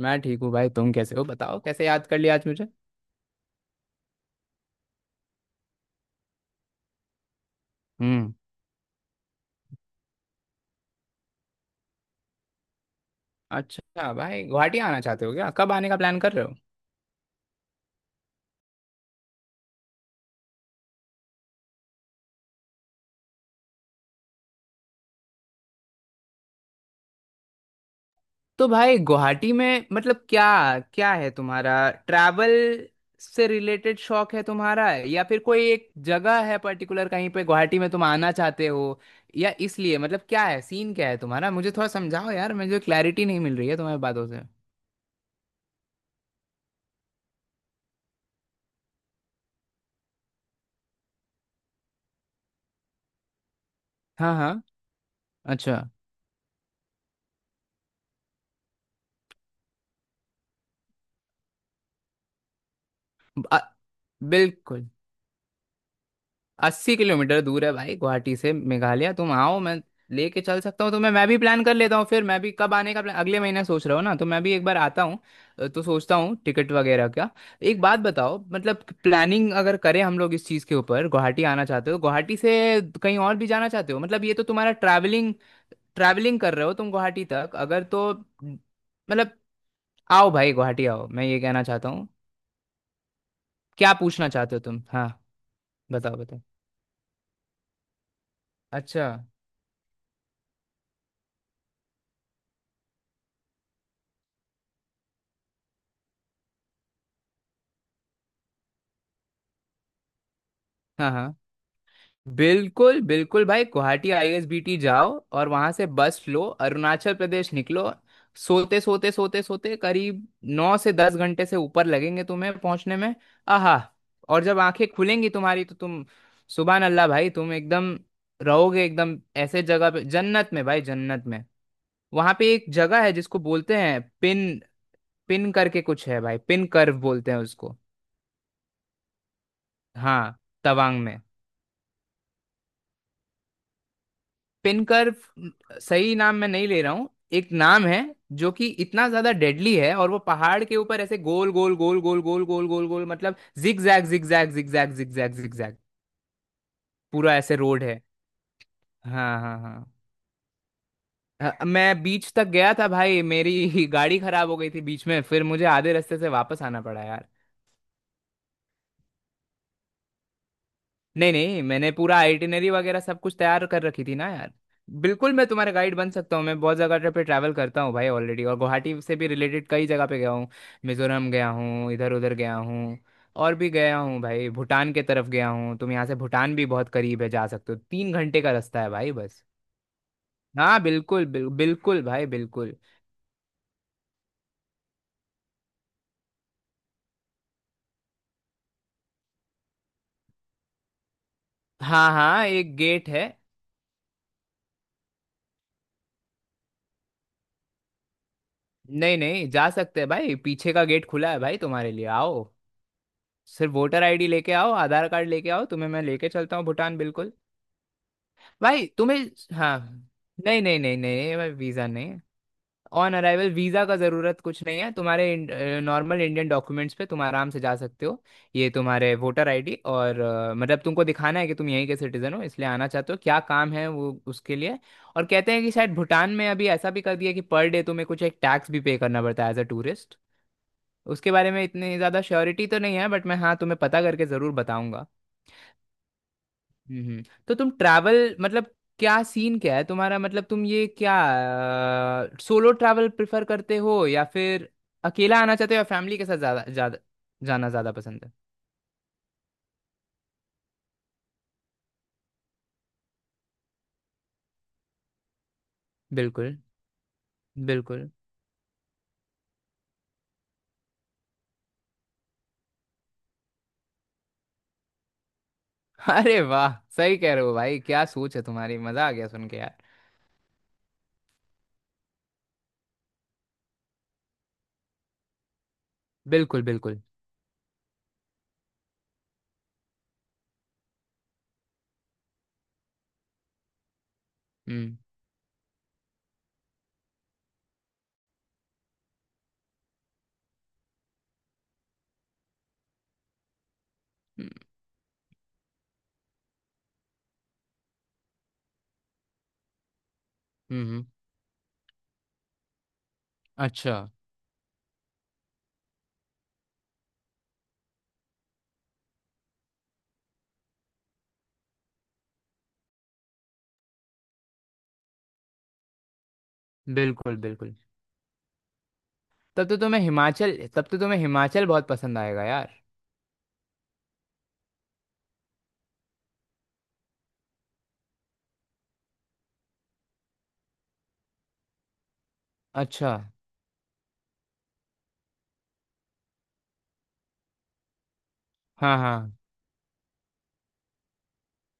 मैं ठीक हूँ भाई। तुम कैसे हो बताओ? कैसे याद कर लिया आज मुझे? हम्म। अच्छा भाई, गुवाहाटी आना चाहते हो क्या? कब आने का प्लान कर रहे हो? तो भाई गुवाहाटी में मतलब क्या क्या है तुम्हारा? ट्रैवल से रिलेटेड शौक है तुम्हारा, या फिर कोई एक जगह है पर्टिकुलर कहीं पे गुवाहाटी में तुम आना चाहते हो, या इसलिए? मतलब क्या है सीन क्या है तुम्हारा, मुझे थोड़ा समझाओ यार, मुझे क्लैरिटी नहीं मिल रही है तुम्हारी बातों से। हाँ हाँ। अच्छा। अ- बिल्कुल। 80 किलोमीटर दूर है भाई गुवाहाटी से मेघालय। तुम आओ, मैं लेके चल सकता हूँ तुम्हें। मैं भी प्लान कर लेता हूँ फिर, मैं भी कब आने का प्लान, अगले महीने सोच रहा हूँ ना, तो मैं भी एक बार आता हूँ। तो सोचता हूँ टिकट वगैरह का। एक बात बताओ, मतलब प्लानिंग अगर करें हम लोग इस चीज़ के ऊपर, गुवाहाटी आना चाहते हो तो गुवाहाटी से कहीं और भी जाना चाहते हो? मतलब ये तो तुम्हारा ट्रैवलिंग ट्रैवलिंग कर रहे हो तुम गुवाहाटी तक अगर, तो मतलब आओ भाई गुवाहाटी आओ, मैं ये कहना चाहता हूँ। क्या पूछना चाहते हो तुम, हाँ बताओ बताओ। अच्छा। हाँ हाँ, बिल्कुल बिल्कुल भाई। गुवाहाटी आईएसबीटी जाओ और वहां से बस लो, अरुणाचल प्रदेश निकलो। सोते सोते सोते सोते करीब 9 से 10 घंटे से ऊपर लगेंगे तुम्हें पहुंचने में। आहा। और जब आंखें खुलेंगी तुम्हारी तो तुम सुबह, अल्लाह भाई, तुम एकदम रहोगे एकदम ऐसे जगह पे, जन्नत में भाई, जन्नत में। वहां पे एक जगह है जिसको बोलते हैं पिन, पिन करके कुछ है भाई, पिन कर्व बोलते हैं उसको। हाँ, तवांग में। पिन कर्व, सही नाम मैं नहीं ले रहा हूँ, एक नाम है जो कि इतना ज्यादा डेडली है, और वो पहाड़ के ऊपर ऐसे गोल गोल गोल गोल गोल गोल गोल गोल, मतलब zig zag zig zag zig zag zig zag zig zag पूरा ऐसे रोड है। हाँ हाँ हाँ। मैं बीच तक गया था भाई, मेरी गाड़ी खराब हो गई थी बीच में, फिर मुझे आधे रास्ते से वापस आना पड़ा। नहीं नहीं, मैंने पूरा आइटिनरी वगैरह सब कुछ तैयार कर रखी थी ना यार। बिल्कुल मैं तुम्हारा गाइड बन सकता हूँ, मैं बहुत जगह पे ट्रैवल करता हूँ भाई ऑलरेडी, और गुवाहाटी से भी रिलेटेड कई जगह पे गया हूँ। मिजोरम गया हूँ, इधर उधर गया हूँ, और भी गया हूँ भाई। भूटान के तरफ गया हूँ, तुम यहाँ से भूटान भी बहुत करीब है, जा सकते हो, 3 घंटे का रास्ता है भाई बस। हाँ बिल्कुल, बिल्कुल भाई बिल्कुल। हाँ हाँ, एक गेट है। नहीं नहीं, जा सकते हैं भाई, पीछे का गेट खुला है भाई तुम्हारे लिए, आओ। सिर्फ वोटर आईडी लेके आओ, आधार कार्ड लेके आओ, तुम्हें मैं लेके चलता हूँ भूटान, बिल्कुल। भाई तुम्हें, हाँ, नहीं नहीं भाई, वीज़ा नहीं। ऑन अराइवल वीज़ा का ज़रूरत कुछ नहीं है तुम्हारे। नॉर्मल इंडियन डॉक्यूमेंट्स पे तुम आराम से जा सकते हो। ये तुम्हारे वोटर आईडी, और मतलब तुमको दिखाना है कि तुम यहीं के सिटीज़न हो, इसलिए आना चाहते हो क्या काम है वो उसके लिए। और कहते हैं कि शायद भूटान में अभी ऐसा भी कर दिया कि पर डे तुम्हें कुछ एक टैक्स भी पे करना पड़ता है एज अ टूरिस्ट। उसके बारे में इतनी ज़्यादा श्योरिटी तो नहीं है, बट मैं हाँ तुम्हें पता करके ज़रूर बताऊंगा। हम्म। तो तुम ट्रैवल, मतलब क्या सीन क्या है तुम्हारा? मतलब तुम ये क्या, सोलो ट्रैवल प्रेफर करते हो या फिर अकेला आना चाहते हो, या फैमिली के साथ ज्यादा ज्यादा जाना ज्यादा पसंद है? बिल्कुल। बिल्कुल। अरे वाह, सही कह रहे हो भाई, क्या सोच है तुम्हारी, मजा आ गया सुन के यार। बिल्कुल बिल्कुल। हम्म हम्म हम्म, अच्छा। बिल्कुल बिल्कुल। तब तो तुम्हें हिमाचल, तब तो तुम्हें हिमाचल बहुत पसंद आएगा यार। अच्छा, हाँ हाँ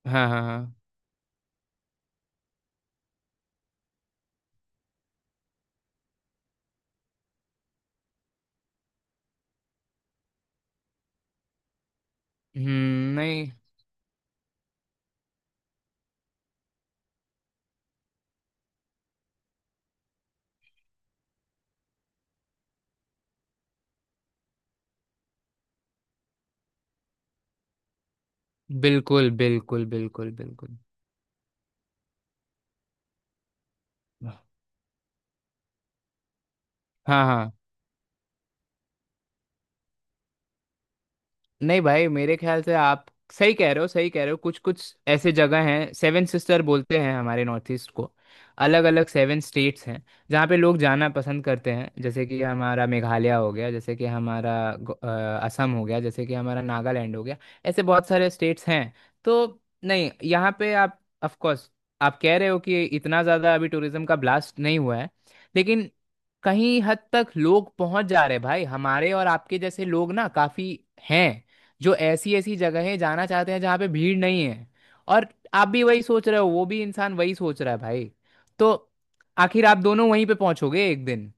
हाँ। हाँ हाँ। हम्म, नहीं, बिल्कुल बिल्कुल बिल्कुल बिल्कुल। हाँ हाँ। नहीं भाई मेरे ख्याल से आप सही कह रहे हो, सही कह रहे हो। कुछ कुछ ऐसे जगह हैं, सेवन सिस्टर बोलते हैं हमारे नॉर्थ ईस्ट को। अलग अलग सेवन स्टेट्स हैं जहाँ पे लोग जाना पसंद करते हैं, जैसे कि हमारा मेघालय हो गया, जैसे कि हमारा असम हो गया, जैसे कि हमारा नागालैंड हो गया, ऐसे बहुत सारे स्टेट्स हैं। तो नहीं, यहाँ पे आप, ऑफ कोर्स, आप कह रहे हो कि इतना ज़्यादा अभी टूरिज्म का ब्लास्ट नहीं हुआ है, लेकिन कहीं हद तक लोग पहुंच जा रहे हैं भाई। हमारे और आपके जैसे लोग ना काफ़ी हैं जो ऐसी ऐसी जगहें जाना चाहते हैं जहाँ पे भीड़ नहीं है। और आप भी वही सोच रहे हो, वो भी इंसान वही सोच रहा है भाई, तो आखिर आप दोनों वहीं पे पहुंचोगे एक दिन।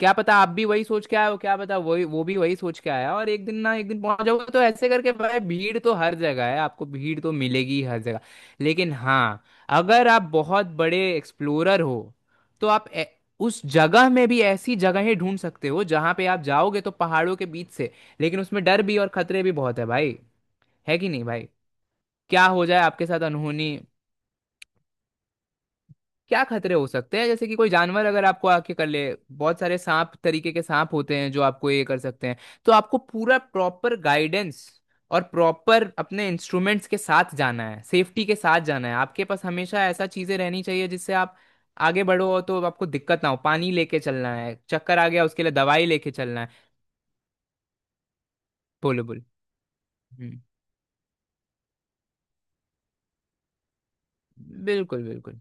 क्या पता आप भी वही सोच के आए हो, क्या पता वही वो भी वही सोच के आया, और एक दिन ना एक दिन पहुंच जाओगे। तो ऐसे करके भाई, भीड़ तो हर जगह है, आपको भीड़ तो मिलेगी हर जगह। लेकिन हाँ, अगर आप बहुत बड़े एक्सप्लोरर हो तो आप, उस जगह में भी ऐसी जगहें ढूंढ सकते हो जहां पे आप जाओगे तो पहाड़ों के बीच से। लेकिन उसमें डर भी और खतरे भी बहुत है भाई, है कि नहीं भाई? क्या हो जाए आपके साथ अनहोनी। क्या खतरे हो सकते हैं, जैसे कि कोई जानवर अगर आपको आके कर ले, बहुत सारे सांप, तरीके के सांप होते हैं जो आपको ये कर सकते हैं। तो आपको पूरा प्रॉपर गाइडेंस और प्रॉपर अपने इंस्ट्रूमेंट्स के साथ जाना है, सेफ्टी के साथ जाना है। आपके पास हमेशा ऐसा चीजें रहनी चाहिए जिससे आप आगे बढ़ो और तो आपको दिक्कत ना हो। पानी लेके चलना है, चक्कर आ गया उसके लिए दवाई लेके चलना है। बोलो बोलो। हम्म, बिल्कुल बिल्कुल।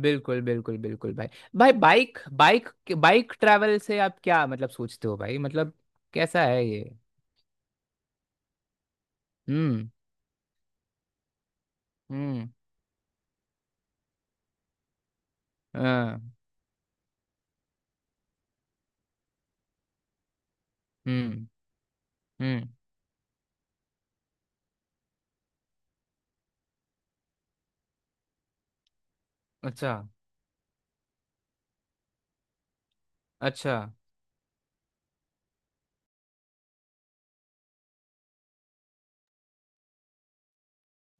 बिल्कुल बिल्कुल बिल्कुल भाई। भाई बाइक बाइक बाइक ट्रैवल से आप क्या मतलब सोचते हो भाई, मतलब कैसा है ये? हम्म हम्म। हाँ, हम्म हम्म। अच्छा। अच्छा।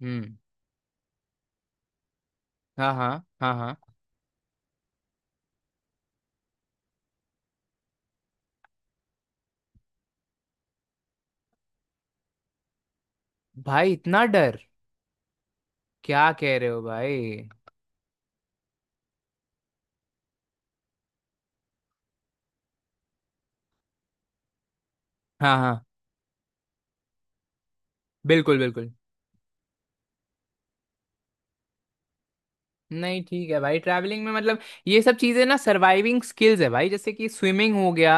हम्म। हाँ हाँ। हाँ हाँ। भाई इतना डर, क्या कह रहे हो भाई। हाँ हाँ, बिल्कुल बिल्कुल। नहीं ठीक है भाई, ट्रैवलिंग में मतलब ये सब चीज़ें ना सर्वाइविंग स्किल्स है भाई, जैसे कि स्विमिंग हो गया,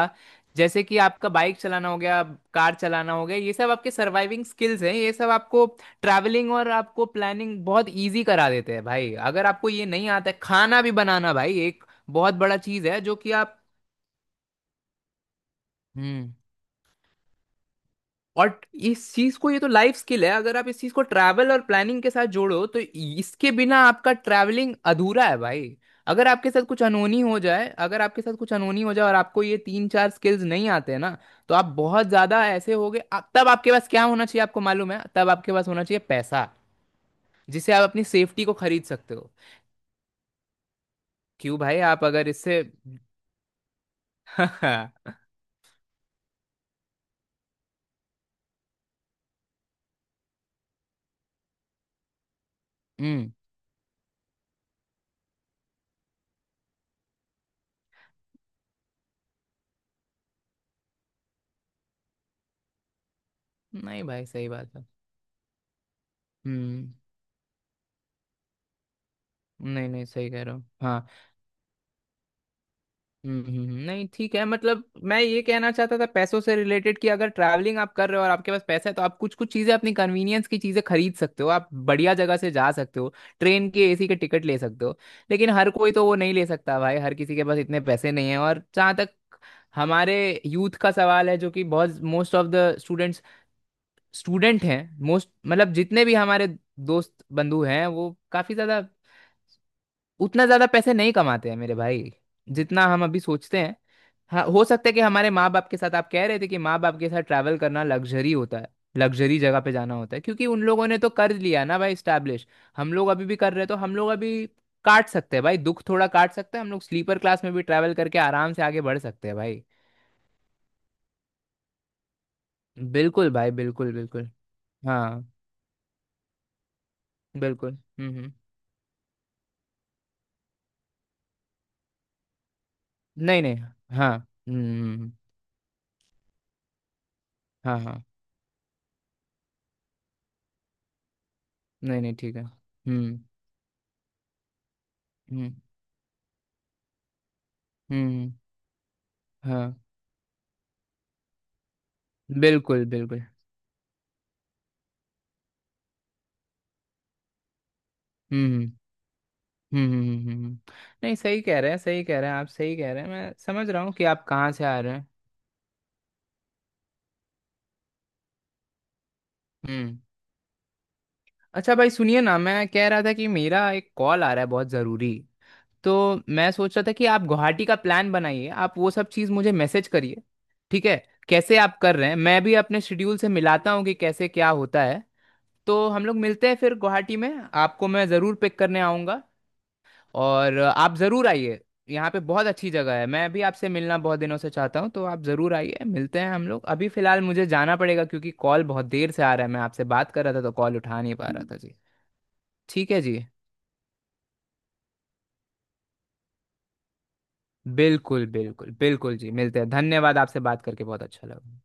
जैसे कि आपका बाइक चलाना हो गया, कार चलाना हो गया, ये सब आपके सर्वाइविंग स्किल्स हैं। ये सब आपको ट्रैवलिंग और आपको प्लानिंग बहुत इजी करा देते हैं भाई। अगर आपको ये नहीं आता है, खाना भी बनाना भाई एक बहुत बड़ा चीज़ है जो कि आप, हम्म, और इस चीज को, ये तो लाइफ स्किल है। अगर आप इस चीज को ट्रैवल और प्लानिंग के साथ जोड़ो तो इसके बिना आपका ट्रैवलिंग अधूरा है भाई। अगर आपके साथ कुछ अनहोनी हो जाए अगर आपके साथ कुछ अनहोनी हो जाए और आपको ये 3 4 स्किल्स नहीं आते हैं ना, तो आप बहुत ज्यादा ऐसे होगे। तब आपके पास क्या होना चाहिए आपको मालूम है? तब आपके पास होना चाहिए पैसा, जिससे आप अपनी सेफ्टी को खरीद सकते हो। क्यों भाई, आप अगर इससे हम्म। नहीं भाई सही बात है। हम्म। नहीं नहीं, सही कह रहे हो हाँ। नहीं ठीक है, मतलब मैं ये कहना चाहता था पैसों से रिलेटेड कि अगर ट्रैवलिंग आप कर रहे हो और आपके पास पैसा है, तो आप कुछ कुछ चीज़ें अपनी कन्वीनियंस की चीज़ें खरीद सकते हो, आप बढ़िया जगह से जा सकते हो, ट्रेन के एसी के टिकट ले सकते हो। लेकिन हर कोई तो वो नहीं ले सकता भाई, हर किसी के पास इतने पैसे नहीं है। और जहाँ तक हमारे यूथ का सवाल है, जो कि बहुत most of the students student हैं, मोस्ट मतलब जितने भी हमारे दोस्त बंधु हैं, वो काफ़ी ज़्यादा, उतना ज़्यादा पैसे नहीं कमाते हैं मेरे भाई, जितना हम अभी सोचते हैं। हाँ, हो सकता है कि हमारे माँ बाप के साथ, आप कह रहे थे कि माँ बाप के साथ ट्रैवल करना लग्जरी होता है, लग्जरी जगह पे जाना होता है, क्योंकि उन लोगों ने तो कर लिया ना भाई स्टैब्लिश। हम लोग अभी भी कर रहे हैं, तो हम लोग अभी काट सकते हैं भाई, दुख थोड़ा काट सकते हैं, हम लोग स्लीपर क्लास में भी ट्रैवल करके आराम से आगे बढ़ सकते हैं भाई। बिल्कुल भाई बिल्कुल बिल्कुल। हाँ बिल्कुल। हम्म। नहीं नहीं, हाँ। हम्म हम्म, हम्म। हाँ हाँ। नहीं नहीं ठीक है। हम्म हम्म हम्म हाँ। बिल्कुल बिल्कुल। हम्म हम्म हम्म हम्म, हम्म, हम्म। नहीं, सही कह रहे हैं सही कह रहे हैं आप, सही कह रहे हैं, मैं समझ रहा हूँ कि आप कहाँ से आ रहे हैं। हम्म। अच्छा भाई सुनिए ना, मैं कह रहा था कि मेरा एक कॉल आ रहा है बहुत ज़रूरी, तो मैं सोच रहा था कि आप गुवाहाटी का प्लान बनाइए, आप वो सब चीज़ मुझे मैसेज करिए, ठीक है? कैसे आप कर रहे हैं, मैं भी अपने शेड्यूल से मिलाता हूँ कि कैसे क्या होता है, तो हम लोग मिलते हैं फिर गुवाहाटी में। आपको मैं ज़रूर पिक करने आऊँगा, और आप ज़रूर आइए। यहाँ पे बहुत अच्छी जगह है, मैं भी आपसे मिलना बहुत दिनों से चाहता हूँ, तो आप ज़रूर आइए, मिलते हैं हम लोग। अभी फ़िलहाल मुझे जाना पड़ेगा क्योंकि कॉल बहुत देर से आ रहा है, मैं आपसे बात कर रहा था तो कॉल उठा नहीं पा रहा था जी। ठीक है जी, बिल्कुल बिल्कुल बिल्कुल जी, मिलते हैं, धन्यवाद, आपसे बात करके बहुत अच्छा लगा।